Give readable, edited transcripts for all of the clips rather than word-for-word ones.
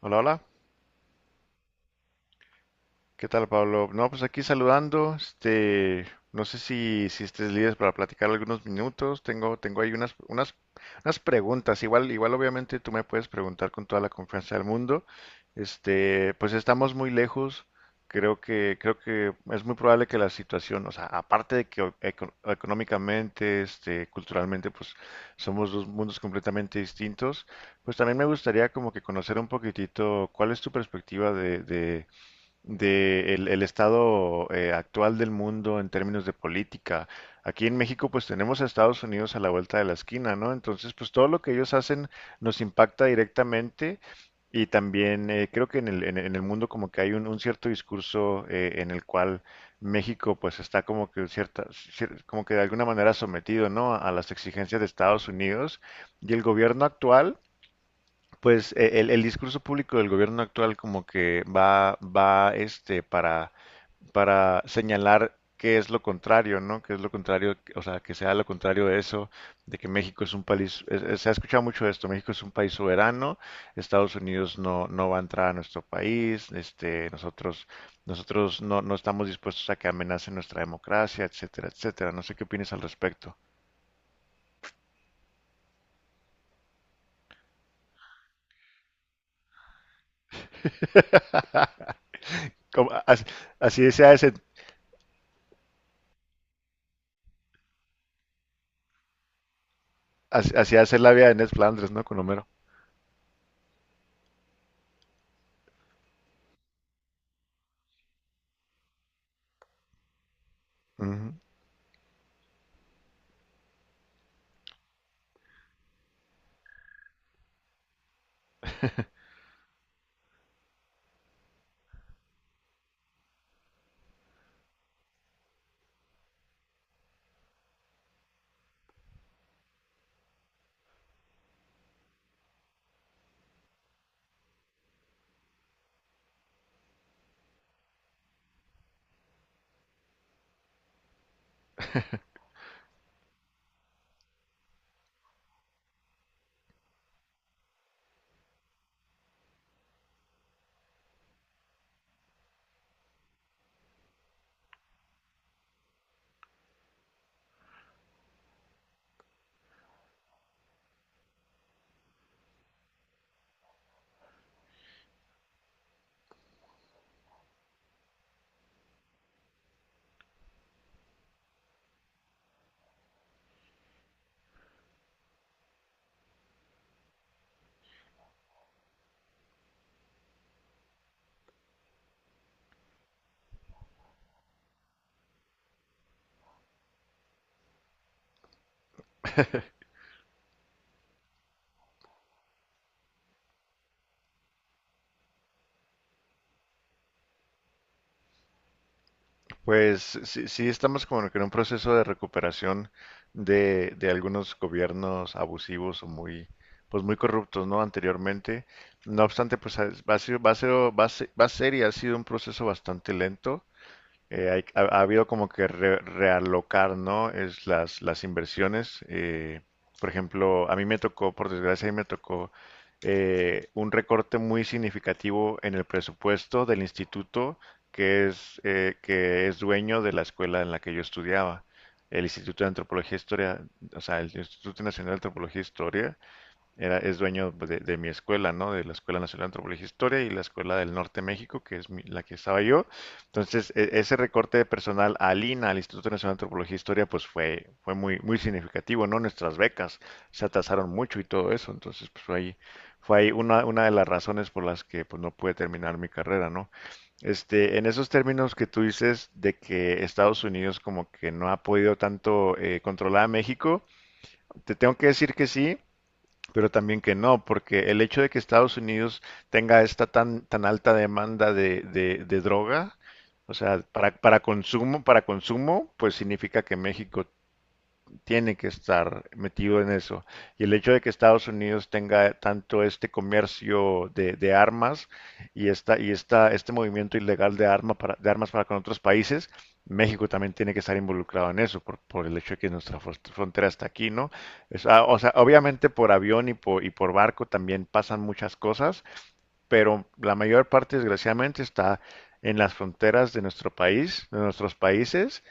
Hola, hola. ¿Qué tal, Pablo? No, pues aquí saludando. No sé si estés libre para platicar algunos minutos. Tengo ahí unas preguntas. Igual, obviamente tú me puedes preguntar con toda la confianza del mundo. Este, pues estamos muy lejos. Creo que es muy probable que la situación, o sea, aparte de que económicamente, culturalmente, pues somos dos mundos completamente distintos. Pues también me gustaría como que conocer un poquitito cuál es tu perspectiva de el estado actual del mundo en términos de política. Aquí en México pues tenemos a Estados Unidos a la vuelta de la esquina, ¿no? Entonces pues todo lo que ellos hacen nos impacta directamente y también creo que en en el mundo como que hay un cierto discurso en el cual México pues está como que como que de alguna manera sometido, ¿no? A las exigencias de Estados Unidos y el gobierno actual pues el discurso público del gobierno actual como que va para señalar qué es lo contrario, ¿no? Qué es lo contrario, o sea, que sea lo contrario de eso, de que México es un país, se ha escuchado mucho esto, México es un país soberano, Estados Unidos no va a entrar a nuestro país, nosotros no estamos dispuestos a que amenacen nuestra democracia, etcétera, etcétera. No sé qué opinas al respecto. Como- as- Así, sea. Así, así hace la vida de Ned Flanders, ¿no? Con Homero. Ujú. Pues sí, sí estamos como que en un proceso de recuperación de algunos gobiernos abusivos o muy, pues muy corruptos, ¿no? Anteriormente. No obstante, pues ha- va a ser, va a ser, va a ser, va a ser y ha sido un proceso bastante lento. Ha habido como que realocar, ¿no? Es las inversiones. Por ejemplo, a mí me tocó, por desgracia, a mí me tocó un recorte muy significativo en el presupuesto del instituto que es dueño de la escuela en la que yo estudiaba. El Instituto de Antropología e Historia, o sea, el Instituto Nacional de Antropología e Historia, era, es dueño pues, de mi escuela, ¿no? De la Escuela Nacional de Antropología e Historia y la Escuela del Norte de México, que es la que estaba yo. Entonces, ese recorte de personal al INA, al Instituto Nacional de Antropología e Historia, pues fue muy significativo, ¿no? Nuestras becas se atrasaron mucho y todo eso. Entonces, pues fue ahí una de las razones por las que pues no pude terminar mi carrera, ¿no? Este, en esos términos que tú dices de que Estados Unidos como que no ha podido tanto controlar a México, te tengo que decir que sí, pero también que no, porque el hecho de que Estados Unidos tenga esta tan alta demanda de droga, o sea, para consumo, pues significa que México tiene que estar metido en eso. Y el hecho de que Estados Unidos tenga tanto este comercio de armas y esta, este movimiento ilegal de armas para con otros países, México también tiene que estar involucrado en eso, por el hecho de que nuestra frontera está aquí, ¿no? O sea, obviamente por avión y por barco también pasan muchas cosas, pero la mayor parte, desgraciadamente, está en las fronteras de nuestro país, de nuestros países,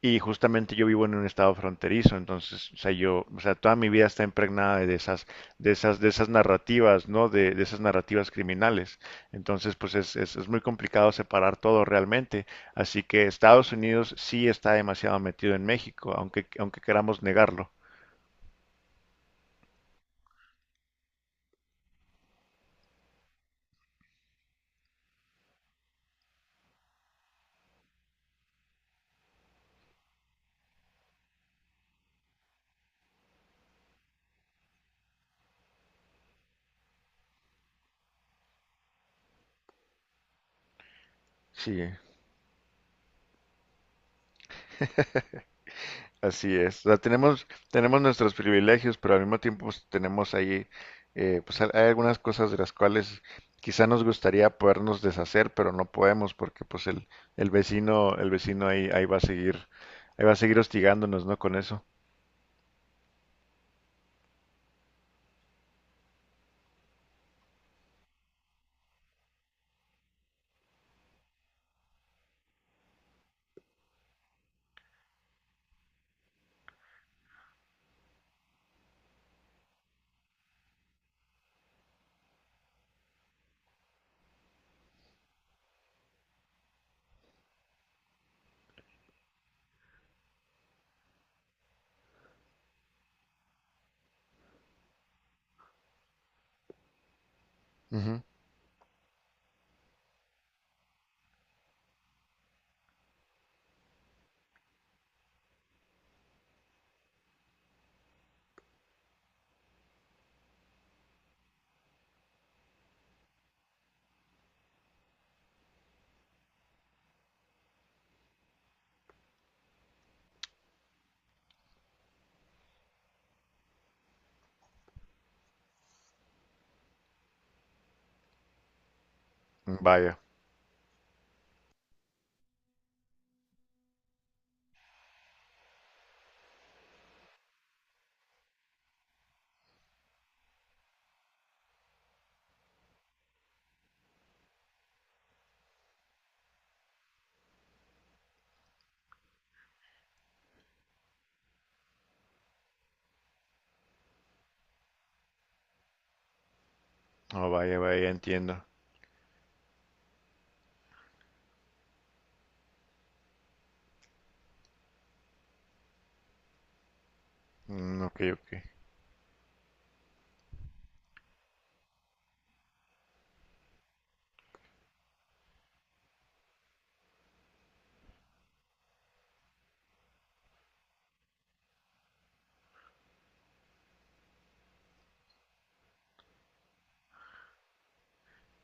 y justamente yo vivo en un estado fronterizo, entonces, o sea, yo, o sea, toda mi vida está impregnada de esas, de esas narrativas, ¿no? De esas narrativas criminales. Entonces, pues es muy complicado separar todo realmente. Así que Estados Unidos sí está demasiado metido en México, aunque queramos negarlo. Sí, así es, o sea, tenemos, tenemos nuestros privilegios, pero al mismo tiempo pues, tenemos ahí, pues hay algunas cosas de las cuales quizá nos gustaría podernos deshacer, pero no podemos porque pues el vecino ahí va a seguir, ahí va a seguir hostigándonos, ¿no? Con eso. Ujú. Vaya, oh, vaya, vaya, entiendo. Mm, ok, ok.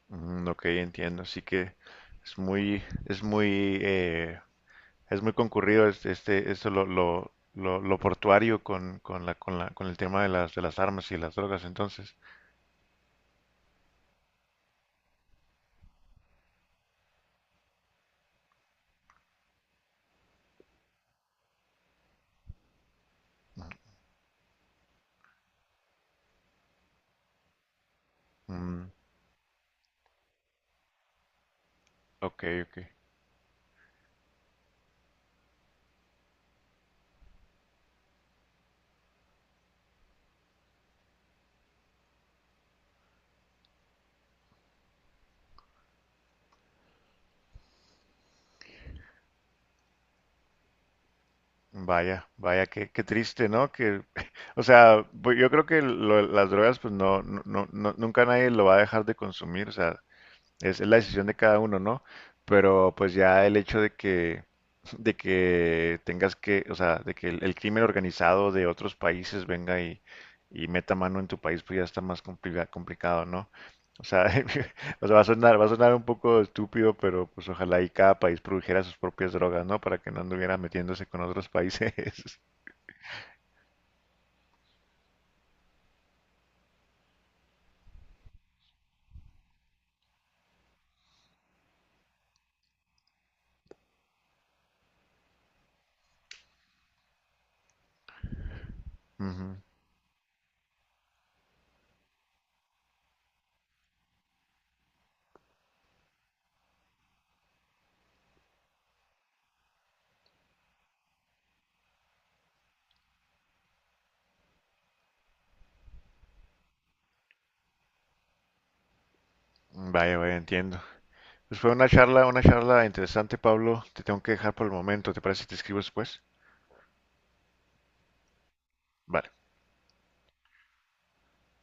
Mm, ok, entiendo. Así que es muy, es muy concurrido este, eso lo portuario con la, con el tema de las armas y las drogas, entonces. Mm, ok, ok. Vaya, vaya, qué, qué triste, ¿no? Que, o sea, pues, yo creo que las drogas, pues nunca nadie lo va a dejar de consumir, o sea, es la decisión de cada uno, ¿no? Pero pues ya el hecho de que, de que tengas que, o sea, de que el crimen organizado de otros países venga y meta mano en tu país, pues ya está más complicado, ¿no? O sea, o sea, va a sonar un poco estúpido, pero pues ojalá y cada país produjera sus propias drogas, ¿no? Para que no anduviera metiéndose con otros países. Ujú. Vaya, vaya, entiendo. Pues fue una charla interesante, Pablo. Te tengo que dejar por el momento. ¿Te parece si te escribo después? Vale.